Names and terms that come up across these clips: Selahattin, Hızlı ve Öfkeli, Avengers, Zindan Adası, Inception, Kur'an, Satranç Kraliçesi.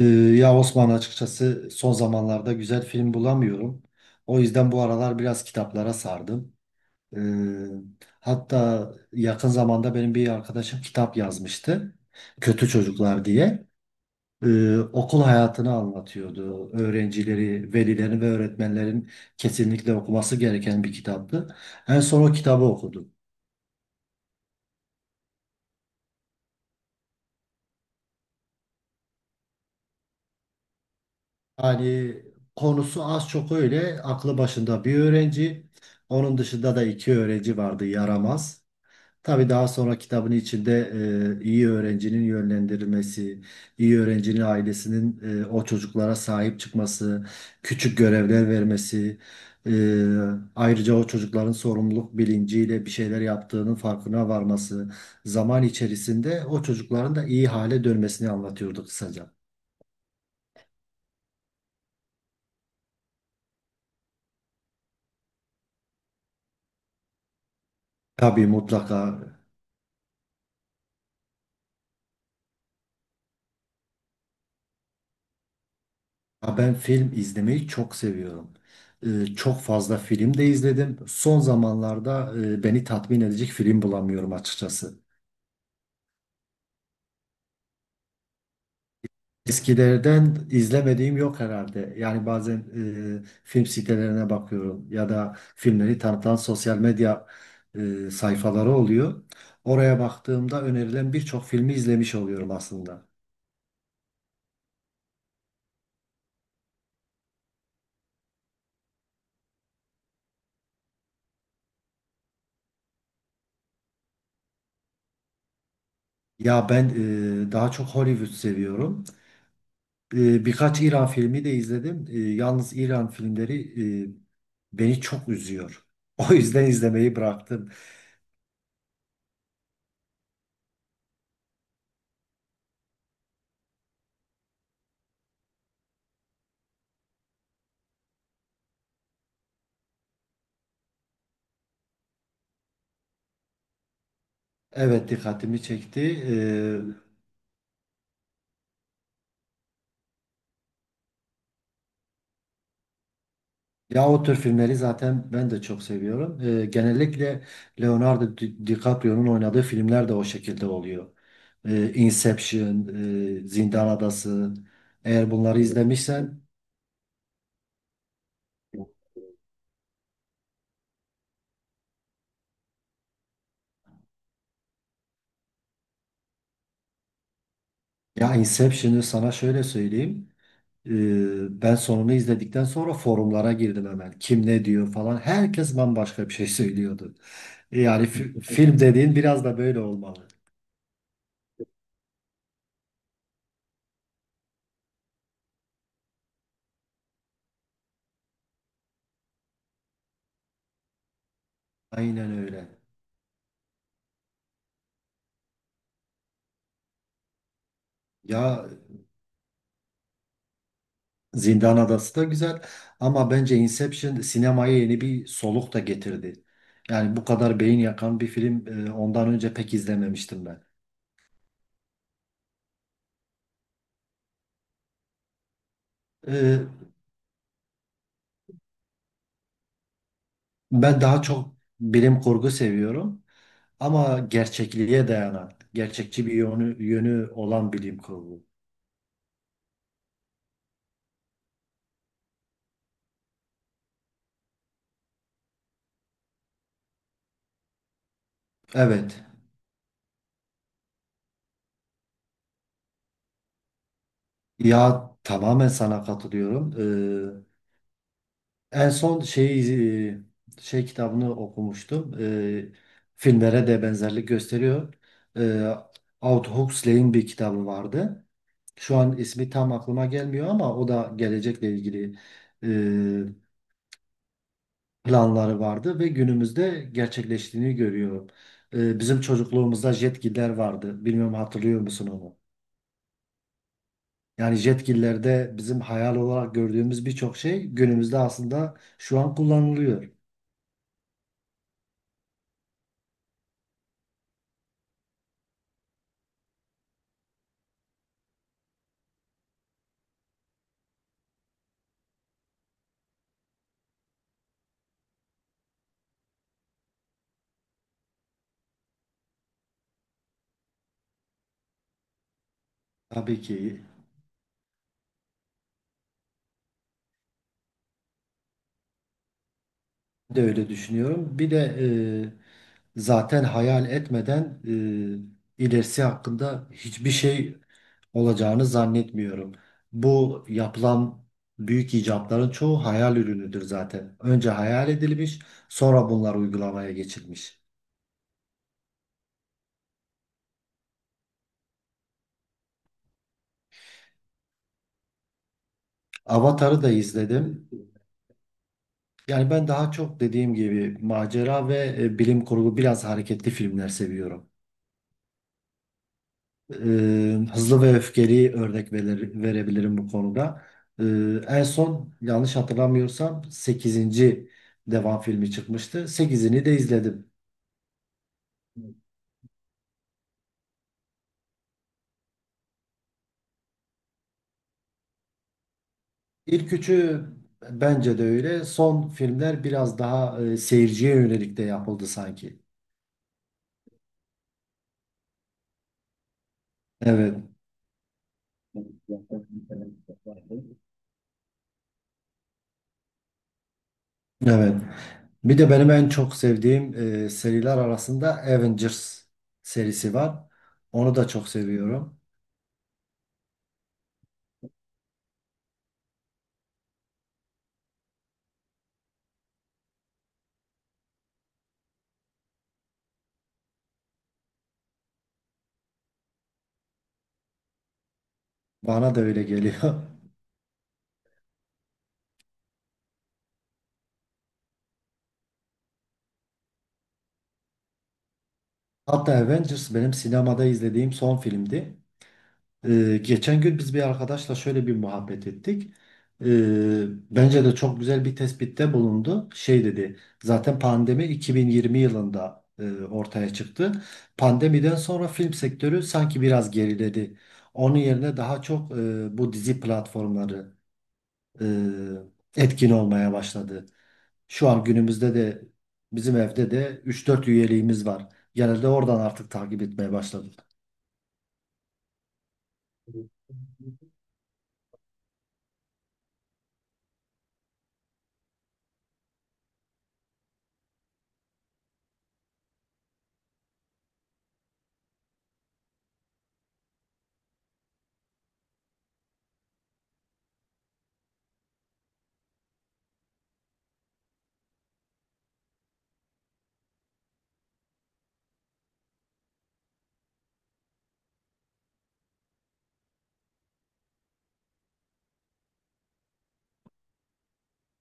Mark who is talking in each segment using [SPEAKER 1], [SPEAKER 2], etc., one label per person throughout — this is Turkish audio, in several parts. [SPEAKER 1] Ya Osman açıkçası son zamanlarda güzel film bulamıyorum. O yüzden bu aralar biraz kitaplara sardım. Ee, Hatta yakın zamanda benim bir arkadaşım kitap yazmıştı. Kötü Çocuklar diye. Okul hayatını anlatıyordu. Öğrencileri, velilerin ve öğretmenlerin kesinlikle okuması gereken bir kitaptı. En son o kitabı okudum. Hani konusu az çok öyle. Aklı başında bir öğrenci. Onun dışında da iki öğrenci vardı yaramaz. Tabii daha sonra kitabın içinde iyi öğrencinin yönlendirilmesi, iyi öğrencinin ailesinin o çocuklara sahip çıkması, küçük görevler vermesi, e, ayrıca o çocukların sorumluluk bilinciyle bir şeyler yaptığının farkına varması, zaman içerisinde o çocukların da iyi hale dönmesini anlatıyordu kısaca. Tabii mutlaka. Ya ben film izlemeyi çok seviyorum. Çok fazla film de izledim. Son zamanlarda beni tatmin edecek film bulamıyorum açıkçası. Eskilerden izlemediğim yok herhalde. Yani bazen film sitelerine bakıyorum ya da filmleri tanıtan sosyal medya sayfaları oluyor. Oraya baktığımda önerilen birçok filmi izlemiş oluyorum aslında. Ya ben daha çok Hollywood seviyorum. Birkaç İran filmi de izledim. Yalnız İran filmleri e, beni çok üzüyor. O yüzden izlemeyi bıraktım. Evet, dikkatimi çekti. E, Ya o tür filmleri zaten ben de çok seviyorum. Genellikle Leonardo DiCaprio'nun oynadığı filmler de o şekilde oluyor. Inception, Zindan Adası. Eğer bunları izlemişsen. Ya Inception'ı sana şöyle söyleyeyim. Ben sonunu izledikten sonra forumlara girdim hemen. Kim ne diyor falan. Herkes bambaşka bir şey söylüyordu. Yani film dediğin biraz da böyle olmalı. Aynen öyle. Ya Zindan Adası da güzel ama bence Inception sinemaya yeni bir soluk da getirdi. Yani bu kadar beyin yakan bir film ondan önce pek izlememiştim ben. Ee, Ben daha çok bilim kurgu seviyorum ama gerçekliğe dayanan, gerçekçi bir yönü olan bilim kurgu. Evet. Ya tamamen sana katılıyorum. En son şeyi şey kitabını okumuştum. Filmlere de benzerlik gösteriyor. Ee, Aldous Huxley'in bir kitabı vardı. Şu an ismi tam aklıma gelmiyor ama o da gelecekle ilgili e, planları vardı ve günümüzde gerçekleştiğini görüyorum. Bizim çocukluğumuzda jetgiller vardı. Bilmiyorum, hatırlıyor musun onu? Yani jetgillerde bizim hayal olarak gördüğümüz birçok şey günümüzde aslında şu an kullanılıyor. Tabii ki de öyle düşünüyorum. Bir de zaten hayal etmeden ilerisi hakkında hiçbir şey olacağını zannetmiyorum. Bu yapılan büyük icatların çoğu hayal ürünüdür zaten. Önce hayal edilmiş, sonra bunlar uygulamaya geçilmiş. Avatar'ı da izledim. Yani ben daha çok dediğim gibi macera ve bilim kurgu biraz hareketli filmler seviyorum. E, Hızlı ve Öfkeli örnek verebilirim bu konuda. E, En son yanlış hatırlamıyorsam sekizinci devam filmi çıkmıştı. Sekizini de izledim. İlk üçü bence de öyle. Son filmler biraz daha seyirciye yönelik de yapıldı sanki. Evet, evet. Bir de benim en çok sevdiğim seriler arasında Avengers serisi var. Onu da çok seviyorum. Bana da öyle geliyor. Hatta Avengers benim sinemada izlediğim son filmdi. Geçen gün biz bir arkadaşla şöyle bir muhabbet ettik. E, Bence de çok güzel bir tespitte bulundu. Şey dedi, zaten pandemi 2020 yılında ortaya çıktı. Pandemiden sonra film sektörü sanki biraz geriledi. Onun yerine daha çok bu dizi platformları, e, etkin olmaya başladı. Şu an günümüzde de bizim evde de üç dört üyeliğimiz var. Genelde oradan artık takip etmeye başladık.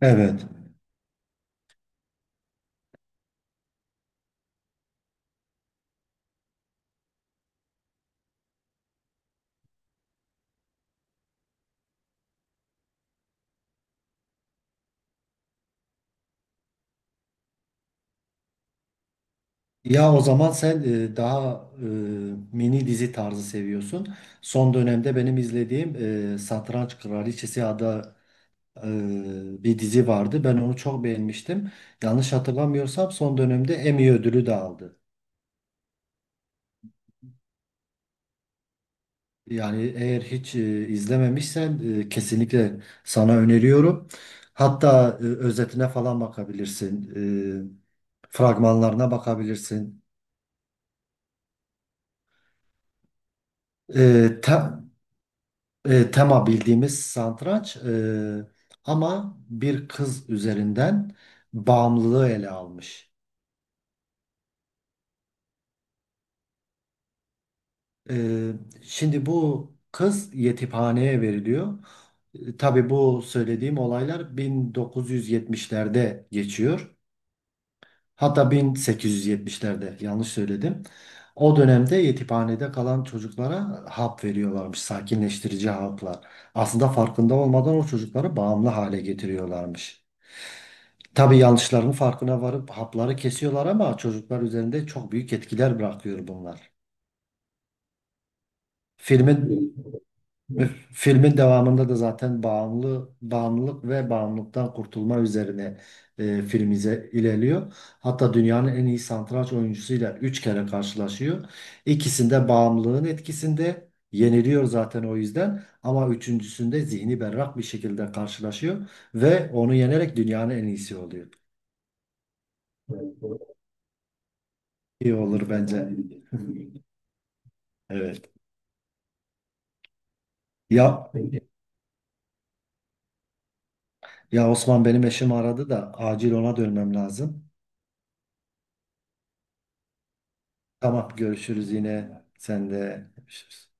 [SPEAKER 1] Evet. Ya o zaman sen daha mini dizi tarzı seviyorsun. Son dönemde benim izlediğim Satranç Kraliçesi adı bir dizi vardı. Ben onu çok beğenmiştim. Yanlış hatırlamıyorsam son dönemde Emmy ödülü de aldı. Yani eğer hiç izlememişsen kesinlikle sana öneriyorum. Hatta özetine falan bakabilirsin. Fragmanlarına bakabilirsin. E, te- Tema bildiğimiz satranç ama bir kız üzerinden bağımlılığı ele almış. E, Şimdi bu kız yetimhaneye veriliyor. E, tabii bu söylediğim olaylar 1970'lerde geçiyor. Hatta 1870'lerde yanlış söyledim. O dönemde yetimhanede kalan çocuklara hap veriyorlarmış, sakinleştirici haplar. Aslında farkında olmadan o çocukları bağımlı hale getiriyorlarmış. Tabii yanlışlarının farkına varıp hapları kesiyorlar ama çocuklar üzerinde çok büyük etkiler bırakıyor bunlar. Filmin Filmin devamında da zaten bağımlılık ve bağımlılıktan kurtulma üzerine film ilerliyor. Hatta dünyanın en iyi satranç oyuncusuyla 3 kere karşılaşıyor. İkisinde bağımlılığın etkisinde yeniliyor zaten o yüzden ama üçüncüsünde zihni berrak bir şekilde karşılaşıyor ve onu yenerek dünyanın en iyisi oluyor. İyi olur bence. Evet. Ya ya Osman, benim eşim aradı da acil ona dönmem lazım. Tamam, görüşürüz yine. Sen de görüşürüz.